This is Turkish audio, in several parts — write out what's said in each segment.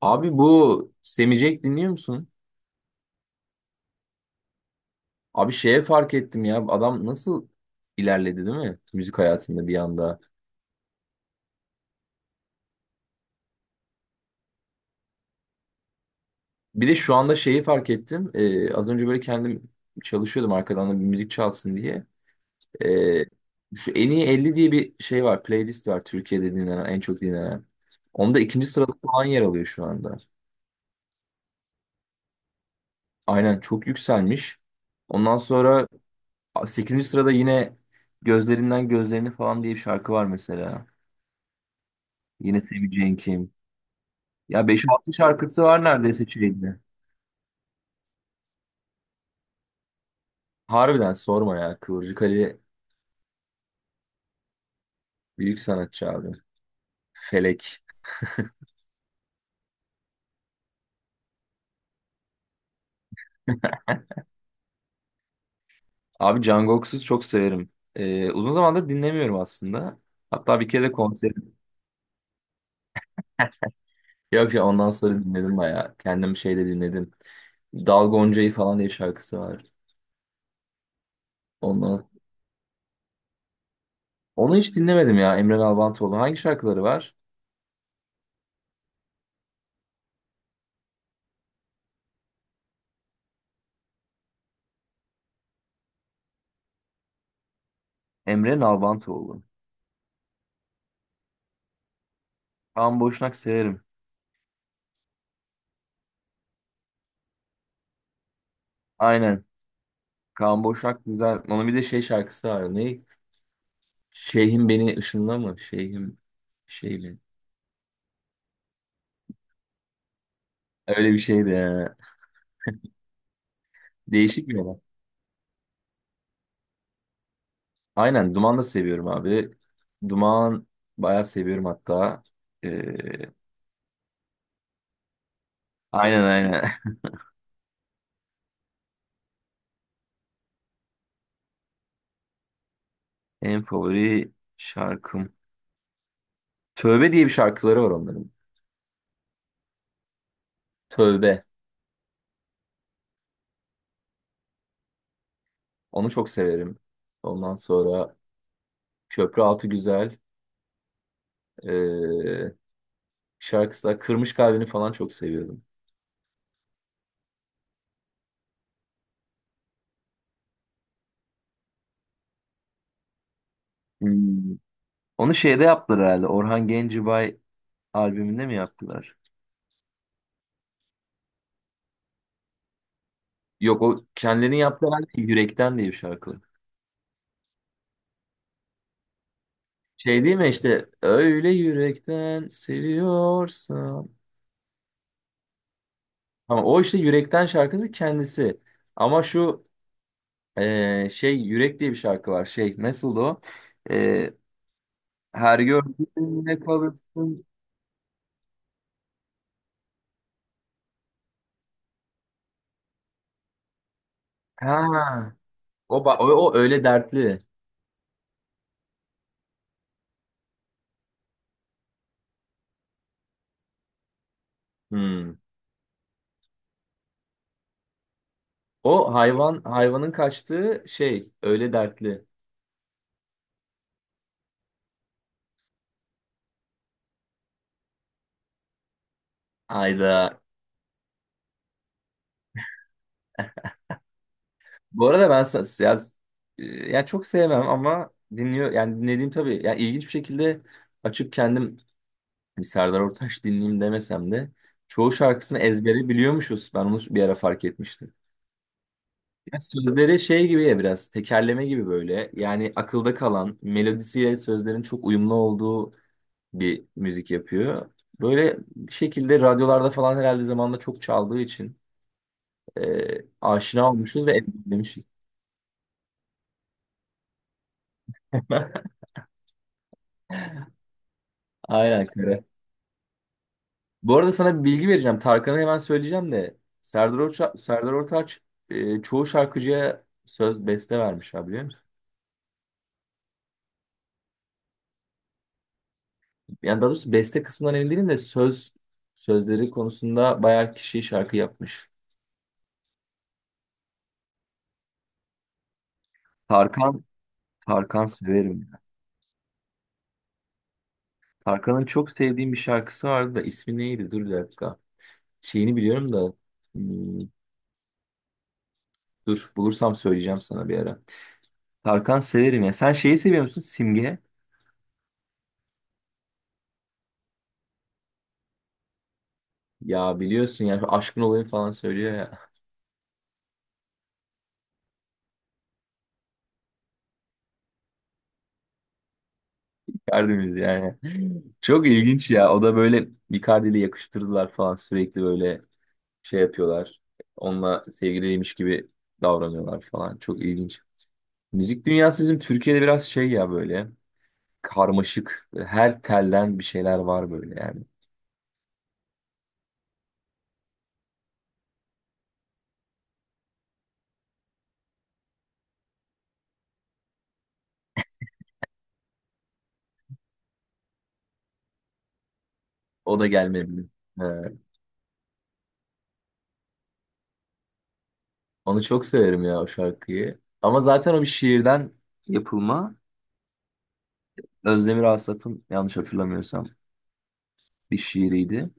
Abi bu Semicek dinliyor musun? Abi şeye fark ettim ya adam nasıl ilerledi değil mi? Müzik hayatında bir anda. Bir de şu anda şeyi fark ettim. Az önce böyle kendim çalışıyordum arkadan da bir müzik çalsın diye. Ee, Şu en iyi 50 diye bir şey var. Playlist var Türkiye'de dinlenen en çok dinlenen. Onda ikinci sırada falan yer alıyor şu anda. Aynen çok yükselmiş. Ondan sonra sekizinci sırada yine Gözlerinden Gözlerini falan diye bir şarkı var mesela. Yine Semih kim, ya beş altı şarkısı var neredeyse şeyinde. Harbiden sorma ya. Kıvırcık Ali büyük sanatçı abi. Felek. Abi Can çok severim. Uzun zamandır dinlemiyorum aslında. Hatta bir kere de konserim. Yok ya ondan sonra dinledim bayağı. Kendim şeyde dinledim. Dal Gonca'yı falan diye bir şarkısı var. Ondan... Onu hiç dinlemedim ya Emre Nalbantoğlu. Hangi şarkıları var? Emre Nalbantoğlu. Kaan Boşnak severim. Aynen. Kaan Boşnak güzel. Onun bir de şey şarkısı var. Ne? Şeyhim beni ışınla mı? Şeyhim şey mi? Öyle bir şeydi ya. Değişik bir olay. Aynen Duman da seviyorum abi. Duman bayağı seviyorum hatta. Ee, aynen aynen. En favori şarkım. Tövbe diye bir şarkıları var onların. Tövbe. Onu çok severim. Ondan sonra Köprü Altı Güzel. Ee, Şarkısı da Kırmış Kalbini falan çok seviyordum. Hmm. Onu şeyde yaptılar herhalde. Orhan Gencebay albümünde mi yaptılar? Yok o kendilerinin yaptığı herhalde yürekten diye bir şarkı. Şey değil mi işte öyle yürekten seviyorsan. Ama o işte yürekten şarkısı kendisi. Ama şu şey yürek diye bir şarkı var. Şey nasıldı o? E, Her gördüğünde kalırsın. Ha, o öyle dertli. Hmm. O hayvanın kaçtığı şey öyle dertli. Ayda. Bu arada ya, e, ya çok sevmem ama dinliyor yani dinlediğim tabii ya ilginç bir şekilde açıp kendim bir Serdar Ortaç dinleyeyim demesem de çoğu şarkısını ezbere biliyormuşuz. Ben onu bir ara fark etmiştim. Ya sözleri şey gibi ya biraz tekerleme gibi böyle. Yani akılda kalan melodisiyle sözlerin çok uyumlu olduğu bir müzik yapıyor. Böyle bir şekilde radyolarda falan herhalde zamanında çok çaldığı için e, aşina olmuşuz ve ezberlemişiz. Aynen. Bu arada sana bir bilgi vereceğim. Tarkan'ı hemen söyleyeceğim de Serdar Ortaç çoğu şarkıcıya söz beste vermiş abi biliyor musun? Yani daha doğrusu beste kısmından emin değilim de sözleri konusunda bayağı kişi şarkı yapmış. Tarkan Tarkan severim. Tarkan'ın çok sevdiğim bir şarkısı vardı da ismi neydi? Dur bir dakika. Şeyini biliyorum da hmm, dur bulursam söyleyeceğim sana bir ara. Tarkan severim ya. Sen şeyi seviyor musun? Simge. Ya biliyorsun ya şu aşkın olayı falan söylüyor ya. Icardi'miz yani. Çok ilginç ya. O da böyle Icardi'yle yakıştırdılar falan. Sürekli böyle şey yapıyorlar. Onunla sevgiliymiş gibi davranıyorlar falan. Çok ilginç. Müzik dünyası bizim Türkiye'de biraz şey ya böyle. Karmaşık. Her telden bir şeyler var böyle yani. O da gelmedi. He. Onu çok severim ya o şarkıyı. Ama zaten o bir şiirden yapılma. Özdemir Asaf'ın yanlış hatırlamıyorsam bir şiiriydi.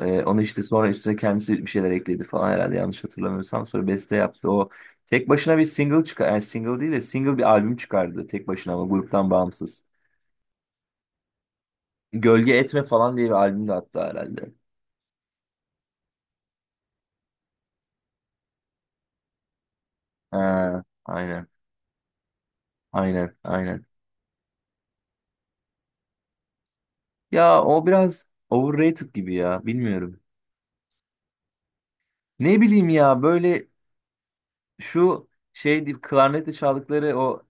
Onu işte sonra üstüne kendisi bir şeyler ekledi falan herhalde yanlış hatırlamıyorsam. Sonra beste yaptı. O tek başına bir single çıkar. Yani single değil de single bir albüm çıkardı tek başına ama gruptan bağımsız. Gölge Etme falan diye bir albüm de attı herhalde. Ha, aynen. Aynen. Aynen. Ya o biraz overrated gibi ya. Bilmiyorum. Ne bileyim ya böyle şu şey deyip klarnetle çaldıkları o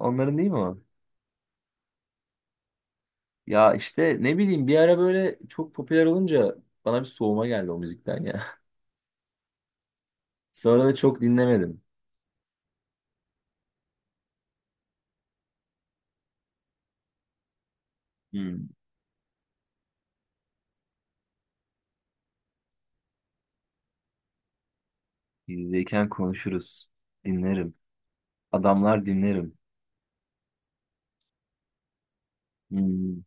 onların değil mi o? Ya işte ne bileyim bir ara böyle çok popüler olunca bana bir soğuma geldi o müzikten ya. Sonra da çok dinlemedim. Hmm. Yüzdeyken konuşuruz. Dinlerim. Adamlar dinlerim. Hmm.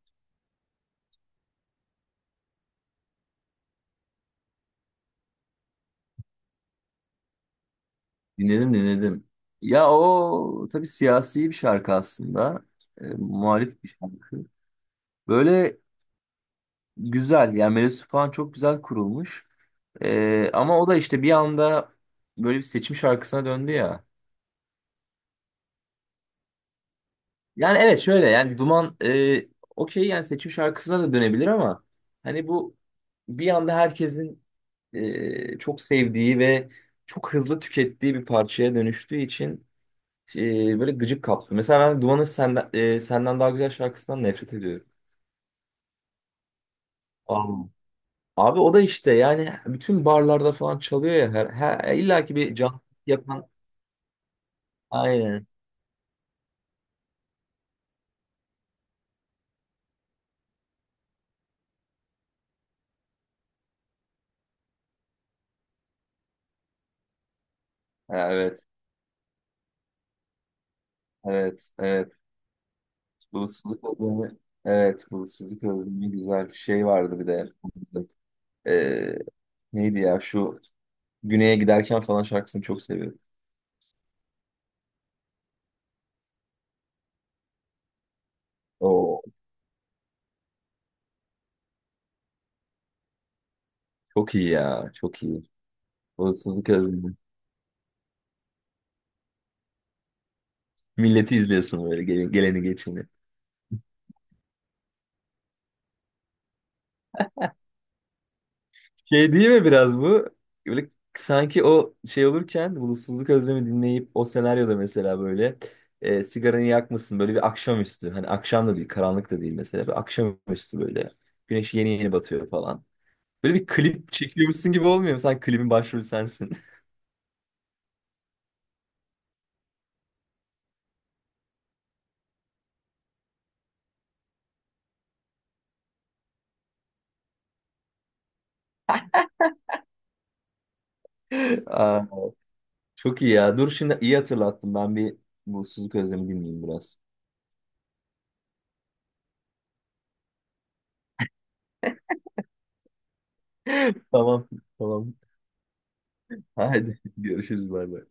Dinledim. Ya o tabii siyasi bir şarkı aslında. Muhalif bir şarkı. Böyle güzel yani melodisi falan çok güzel kurulmuş. Ama o da işte bir anda böyle bir seçim şarkısına döndü ya. Yani evet şöyle yani Duman okey yani seçim şarkısına da dönebilir ama hani bu bir anda herkesin çok sevdiği ve çok hızlı tükettiği bir parçaya dönüştüğü için e, böyle gıcık kaptı. Mesela ben Duman'ın senden daha güzel şarkısından nefret ediyorum. Aa. Abi o da işte yani bütün barlarda falan çalıyor ya her illa ki bir can yapan. Aynen. Ha, Evet, evet, evet. Bulutsuzluk özlemi. Evet, bulutsuzluk özlemi güzel bir şey vardı bir de. Ee, Neydi ya şu Güney'e giderken falan şarkısını çok seviyorum. Oo, çok iyi ya, çok iyi. Bulutsuzluk özlemi. Milleti izliyorsun böyle geleni geçeni. Şey değil mi biraz bu? Böyle sanki o şey olurken bulutsuzluk özlemi dinleyip o senaryoda mesela böyle sigaranı yakmasın böyle bir akşamüstü. Hani akşam da değil, karanlık da değil mesela. Bir akşamüstü böyle. Güneş yeni yeni batıyor falan. Böyle bir klip çekiyormuşsun gibi olmuyor mu? Sen klibin başrolü sensin. Aa, çok iyi ya. Dur şimdi iyi hatırlattım. Ben bir bu Suzuki Özlem'i dinleyeyim biraz. Tamam, tamam. Hadi görüşürüz bay bay.